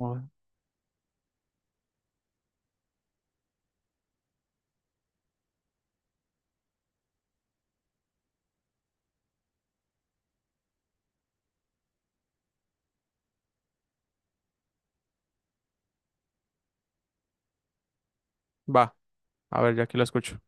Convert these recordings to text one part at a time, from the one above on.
Oh. Va, a ver, ya aquí lo escucho.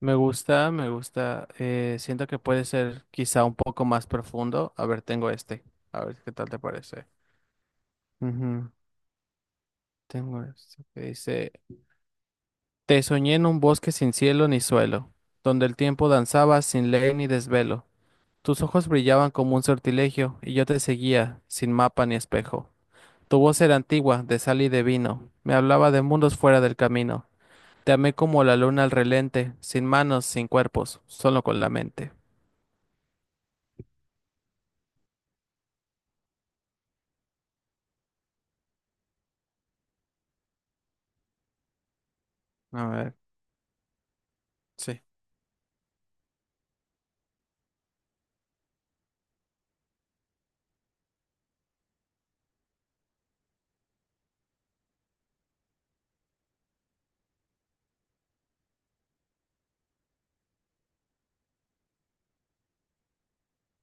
Me gusta, me gusta. Siento que puede ser quizá un poco más profundo. A ver, tengo este. A ver qué tal te parece. Ujú. Tengo este que dice, te soñé en un bosque sin cielo ni suelo, donde el tiempo danzaba sin ley ni desvelo. Tus ojos brillaban como un sortilegio y yo te seguía, sin mapa ni espejo. Tu voz era antigua, de sal y de vino. Me hablaba de mundos fuera del camino. Te amé como la luna al relente, sin manos, sin cuerpos, solo con la mente. A ver, sí,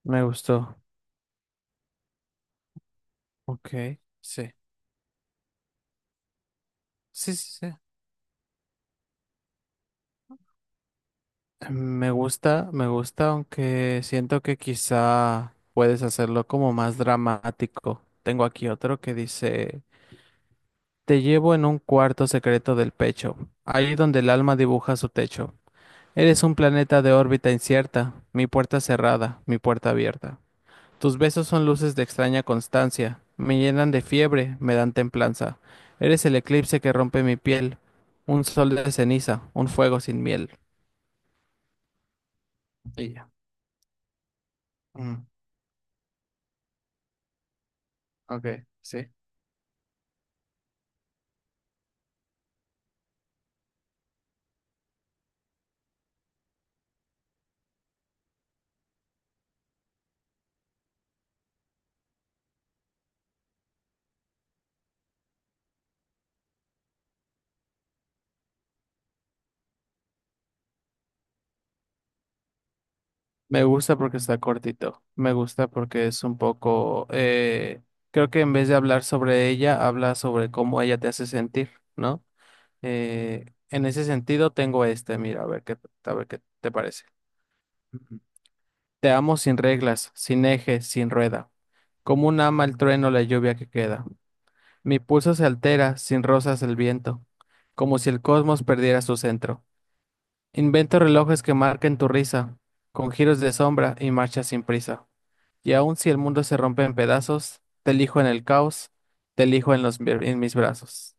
me gustó. Ok, sí, sí, sí, sí. Me gusta, aunque siento que quizá puedes hacerlo como más dramático. Tengo aquí otro que dice, te llevo en un cuarto secreto del pecho, ahí donde el alma dibuja su techo. Eres un planeta de órbita incierta, mi puerta cerrada, mi puerta abierta. Tus besos son luces de extraña constancia, me llenan de fiebre, me dan templanza. Eres el eclipse que rompe mi piel, un sol de ceniza, un fuego sin miel. Y ya. Mm, ok, sí. Me gusta porque está cortito, me gusta porque es un poco... creo que en vez de hablar sobre ella, habla sobre cómo ella te hace sentir, ¿no? En ese sentido tengo este, mira, a ver qué te parece. Ujú. Te amo sin reglas, sin eje, sin rueda. Como un ama el trueno la lluvia que queda. Mi pulso se altera, sin rosas el viento, como si el cosmos perdiera su centro. Invento relojes que marquen tu risa, con giros de sombra y marchas sin prisa. Y aun si el mundo se rompe en pedazos, te elijo en el caos, te elijo en los, en mis brazos.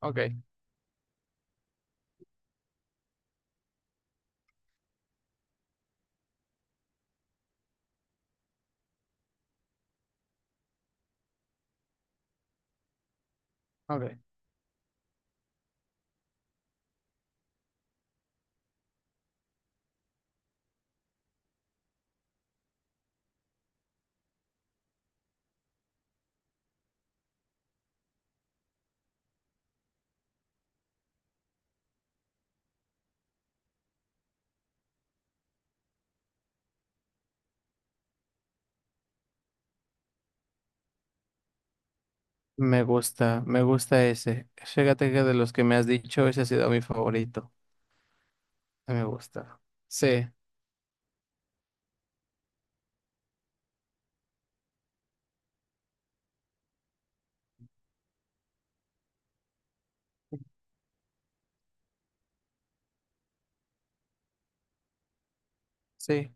Ok, ok. Me gusta ese. Fíjate que de los que me has dicho, ese ha sido mi favorito. Me gusta. Sí, sí.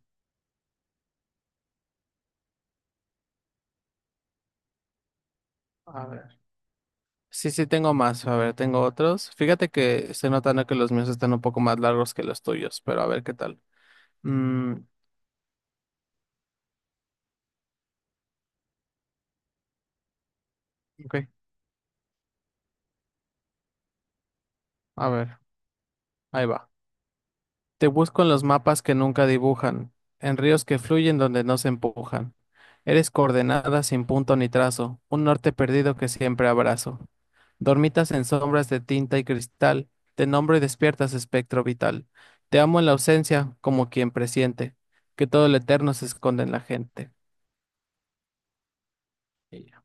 A ver. Sí, sí, tengo más. A ver, tengo otros. Fíjate que estoy notando que los míos están un poco más largos que los tuyos, pero a ver qué tal. Mm, ok, a ver, ahí va. Te busco en los mapas que nunca dibujan, en ríos que fluyen donde no se empujan. Eres coordenada sin punto ni trazo, un norte perdido que siempre abrazo. Dormitas en sombras de tinta y cristal, te nombro y despiertas espectro vital. Te amo en la ausencia, como quien presiente, que todo lo eterno se esconde en la gente. Y ya.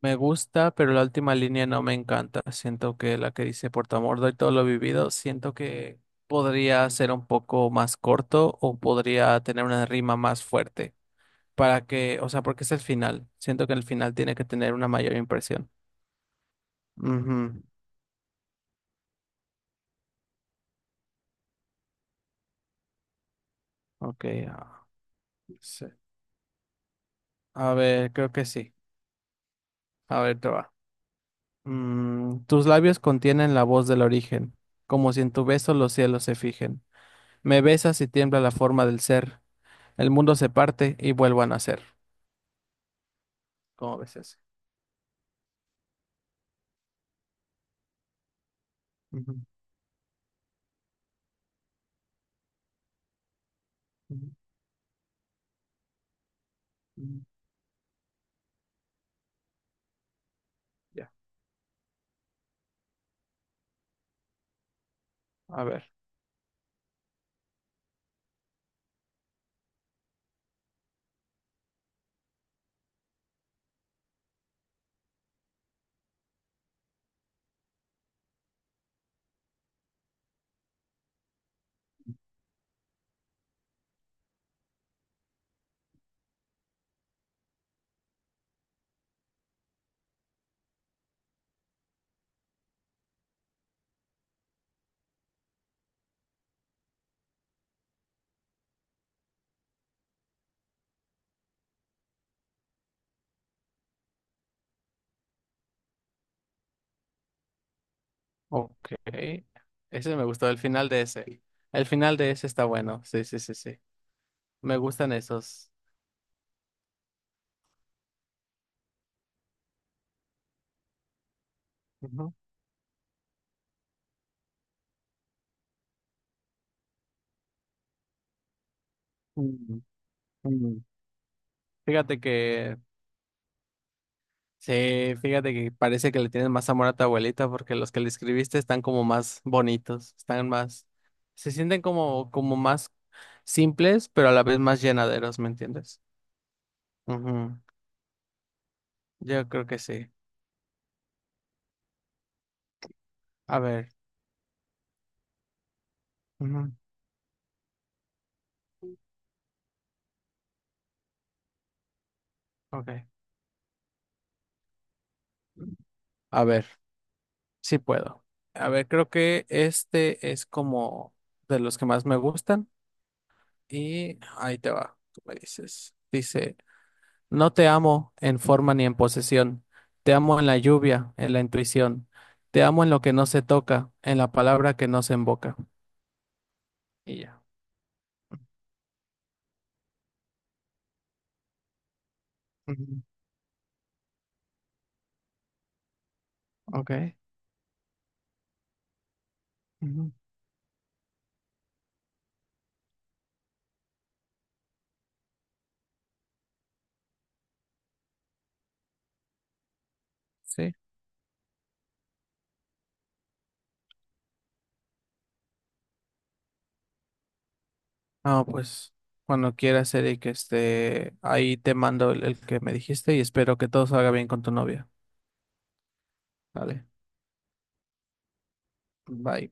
Me gusta, pero la última línea no me encanta. Siento que la que dice por tu amor doy todo lo vivido, siento que podría ser un poco más corto o podría tener una rima más fuerte para que, o sea, porque es el final. Siento que el final tiene que tener una mayor impresión. Ujú. Ok, ah, sí. A ver, creo que sí. A ver, te va. Mm, tus labios contienen la voz del origen, como si en tu beso los cielos se fijen. Me besas y tiembla la forma del ser. El mundo se parte y vuelvo a nacer. ¿Cómo ves ese? Ujú, ujú, ujú. Ya, a ver. Ok. Ese me gustó, el final de ese. El final de ese está bueno. Sí, sí, sí, sí. Me gustan esos. Ujú. Mm, mm. Fíjate que, sí, fíjate que parece que le tienes más amor a tu abuelita porque los que le escribiste están como más bonitos, están más, se sienten como, como más simples, pero a la vez más llenaderos, ¿me entiendes? Ujú. Yo creo que sí. A ver. Ujú. Ok. A ver, sí puedo. A ver, creo que este es como de los que más me gustan y ahí te va, tú me dices. Dice, no te amo en forma ni en posesión, te amo en la lluvia, en la intuición, te amo en lo que no se toca, en la palabra que no se invoca. Y ya. Ujú. Ok. Ujú. Sí. Ah, pues cuando quieras, Eric, este, ahí te mando el que me dijiste y espero que todo salga bien con tu novia. Vale, bye.